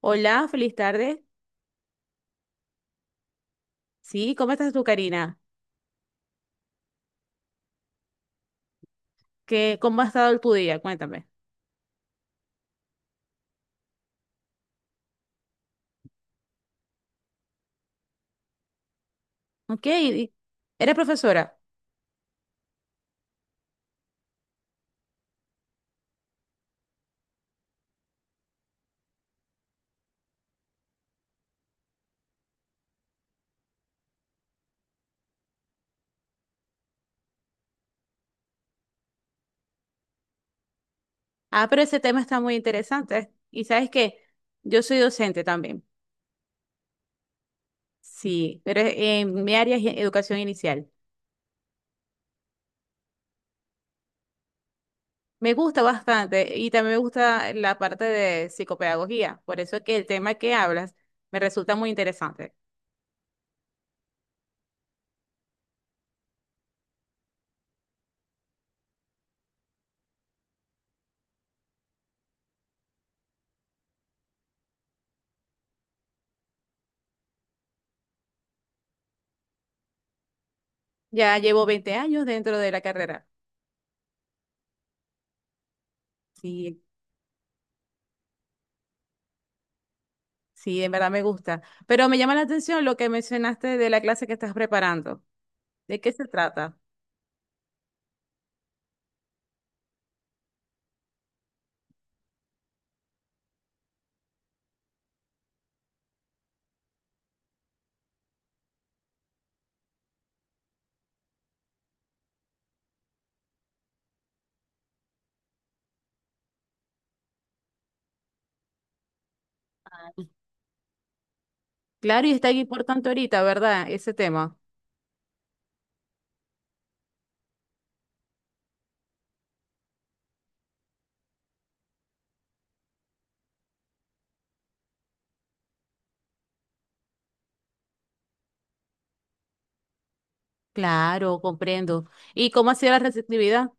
Hola, feliz tarde. Sí, ¿cómo estás tú, Karina? ¿Qué, cómo ha estado tu día? Cuéntame. Ok, eres profesora. Ah, pero ese tema está muy interesante. ¿Y sabes qué? Yo soy docente también. Sí, pero en mi área es educación inicial. Me gusta bastante y también me gusta la parte de psicopedagogía. Por eso es que el tema que hablas me resulta muy interesante. Ya llevo 20 años dentro de la carrera. Sí, Sí, en verdad me gusta. Pero me llama la atención lo que mencionaste de la clase que estás preparando. ¿De qué se trata? Claro, y está ahí importante ahorita, ¿verdad? Ese tema. Claro, comprendo. ¿Y cómo ha sido la receptividad?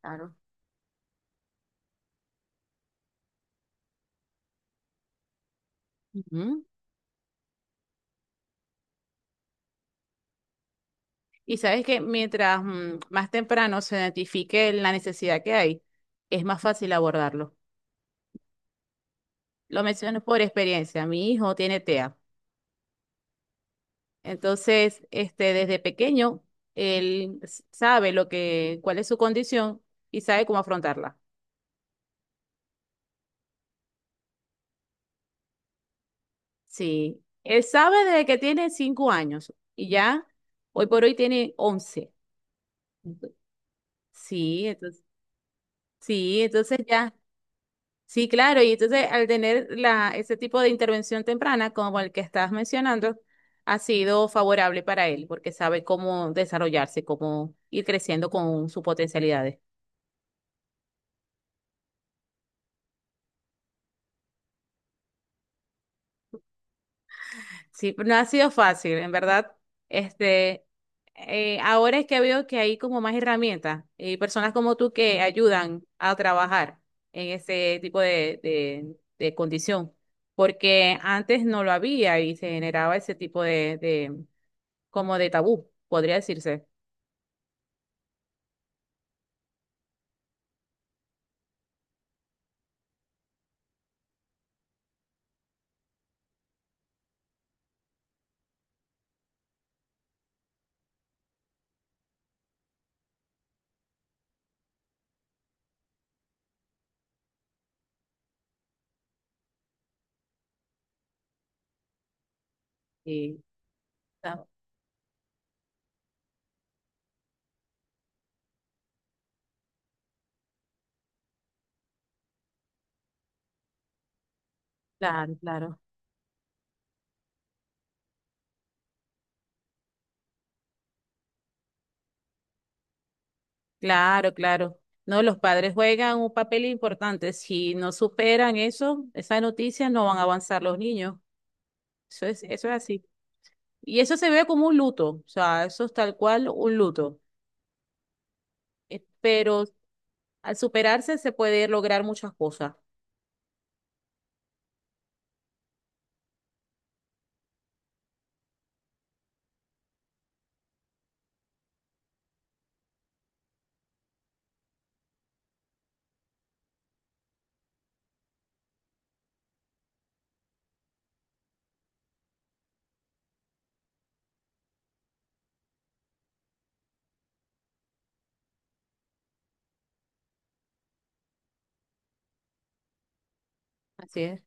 Claro. Ujú. Y sabes que mientras más temprano se identifique la necesidad que hay, es más fácil abordarlo. Lo menciono por experiencia. Mi hijo tiene TEA. Entonces, este, desde pequeño, sabe lo que, cuál es su condición y sabe cómo afrontarla. Sí, él sabe desde que tiene 5 años y ya hoy por hoy tiene 11. Ento- Sí, entonces, ya, sí, claro, y entonces al tener ese tipo de intervención temprana como el que estás mencionando, ha sido favorable para él porque sabe cómo desarrollarse, cómo ir creciendo con sus potencialidades. Sí, no ha sido fácil, en verdad. Este, ahora es que veo que hay como más herramientas y personas como tú que ayudan a trabajar en ese tipo de condición, porque antes no lo había y se generaba ese tipo de como de tabú, podría decirse. Sí, Ah, claro, claro, claro, claro. No, los padres juegan un papel importante. Si no superan eso, esa noticia, no van a avanzar los niños. Eso es así. Y eso se ve como un luto, o sea, eso es tal cual un luto. Pero al superarse se puede lograr muchas cosas. Así es.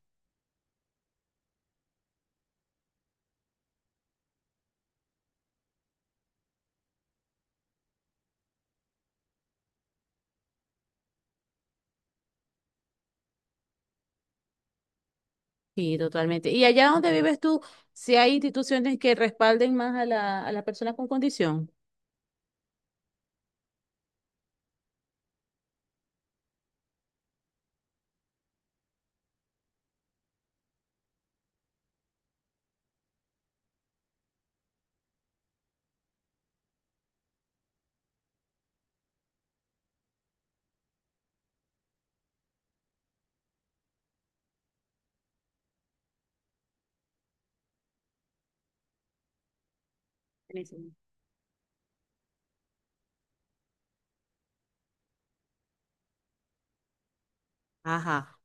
Sí, totalmente. ¿Y allá donde vives tú, si hay instituciones que respalden más a a las personas con condición? Buenísimo. Ajá.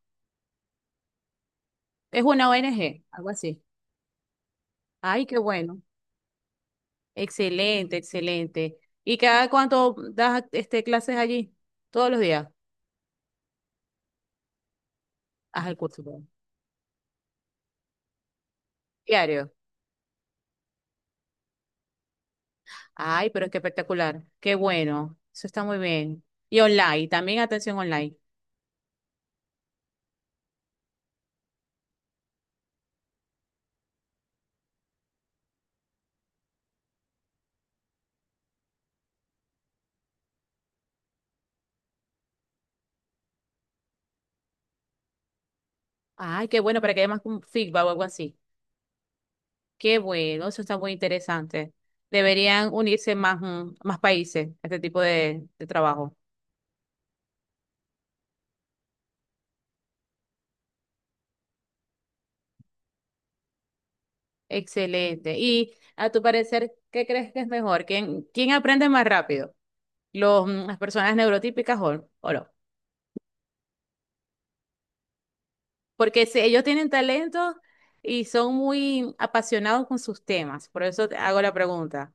Es una ONG, algo así. Ay, qué bueno. Excelente, excelente. ¿Y cada cuánto das este, clases allí? Todos los días. Haz el curso. Bueno. Diario. Ay, pero es que espectacular. Qué bueno. Eso está muy bien. Y online, también atención online. Ay, qué bueno, para que haya más un feedback o algo así. Qué bueno, eso está muy interesante. Deberían unirse más, más países a este tipo de trabajo. Excelente. Y a tu parecer, ¿qué crees que es mejor? ¿Quién, quién aprende más rápido? ¿Los, las personas neurotípicas o no? Porque si ellos tienen talento y son muy apasionados con sus temas. Por eso te hago la pregunta.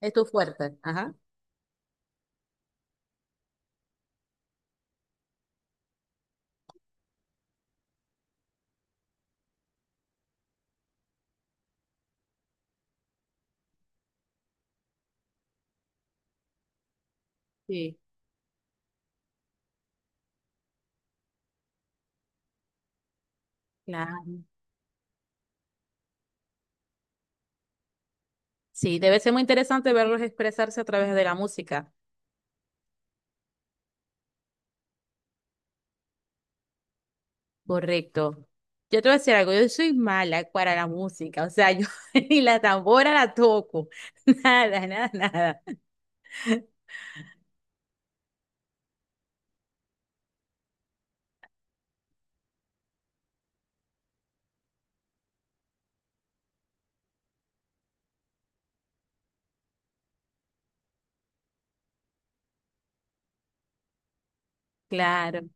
Es tu fuerte. Ajá. Sí, claro. Sí, debe ser muy interesante verlos expresarse a través de la música. Correcto. Yo te voy a decir algo, yo soy mala para la música, o sea, yo ni la tambora la toco, nada, nada, nada. Claro.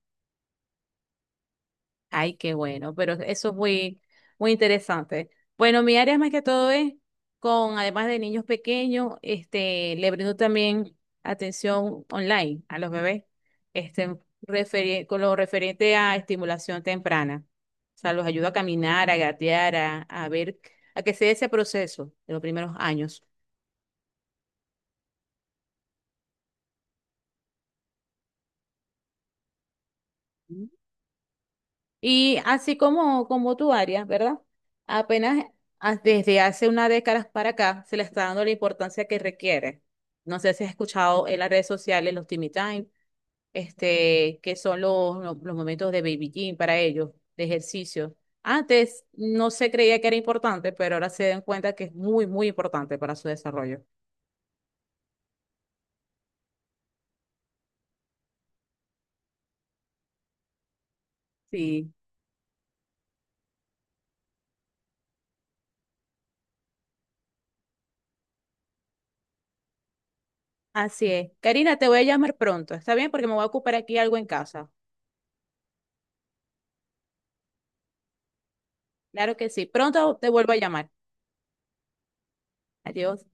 Ay, qué bueno, pero eso es muy, muy interesante. Bueno, mi área más que todo es con, además de niños pequeños, este, le brindo también atención online a los bebés, este, con lo referente a estimulación temprana. O sea, los ayudo a caminar, a gatear, a ver, a que se dé ese proceso de los primeros años. Y así como, como tu área, ¿verdad? Apenas desde hace una década para acá se le está dando la importancia que requiere. No sé si has escuchado en las redes sociales los Timmy Time, este, que son los momentos de Baby Gym para ellos, de ejercicio. Antes no se creía que era importante, pero ahora se dan cuenta que es muy, muy importante para su desarrollo. Sí. Así es. Karina, te voy a llamar pronto. ¿Está bien? Porque me voy a ocupar aquí algo en casa. Claro que sí. Pronto te vuelvo a llamar. Adiós.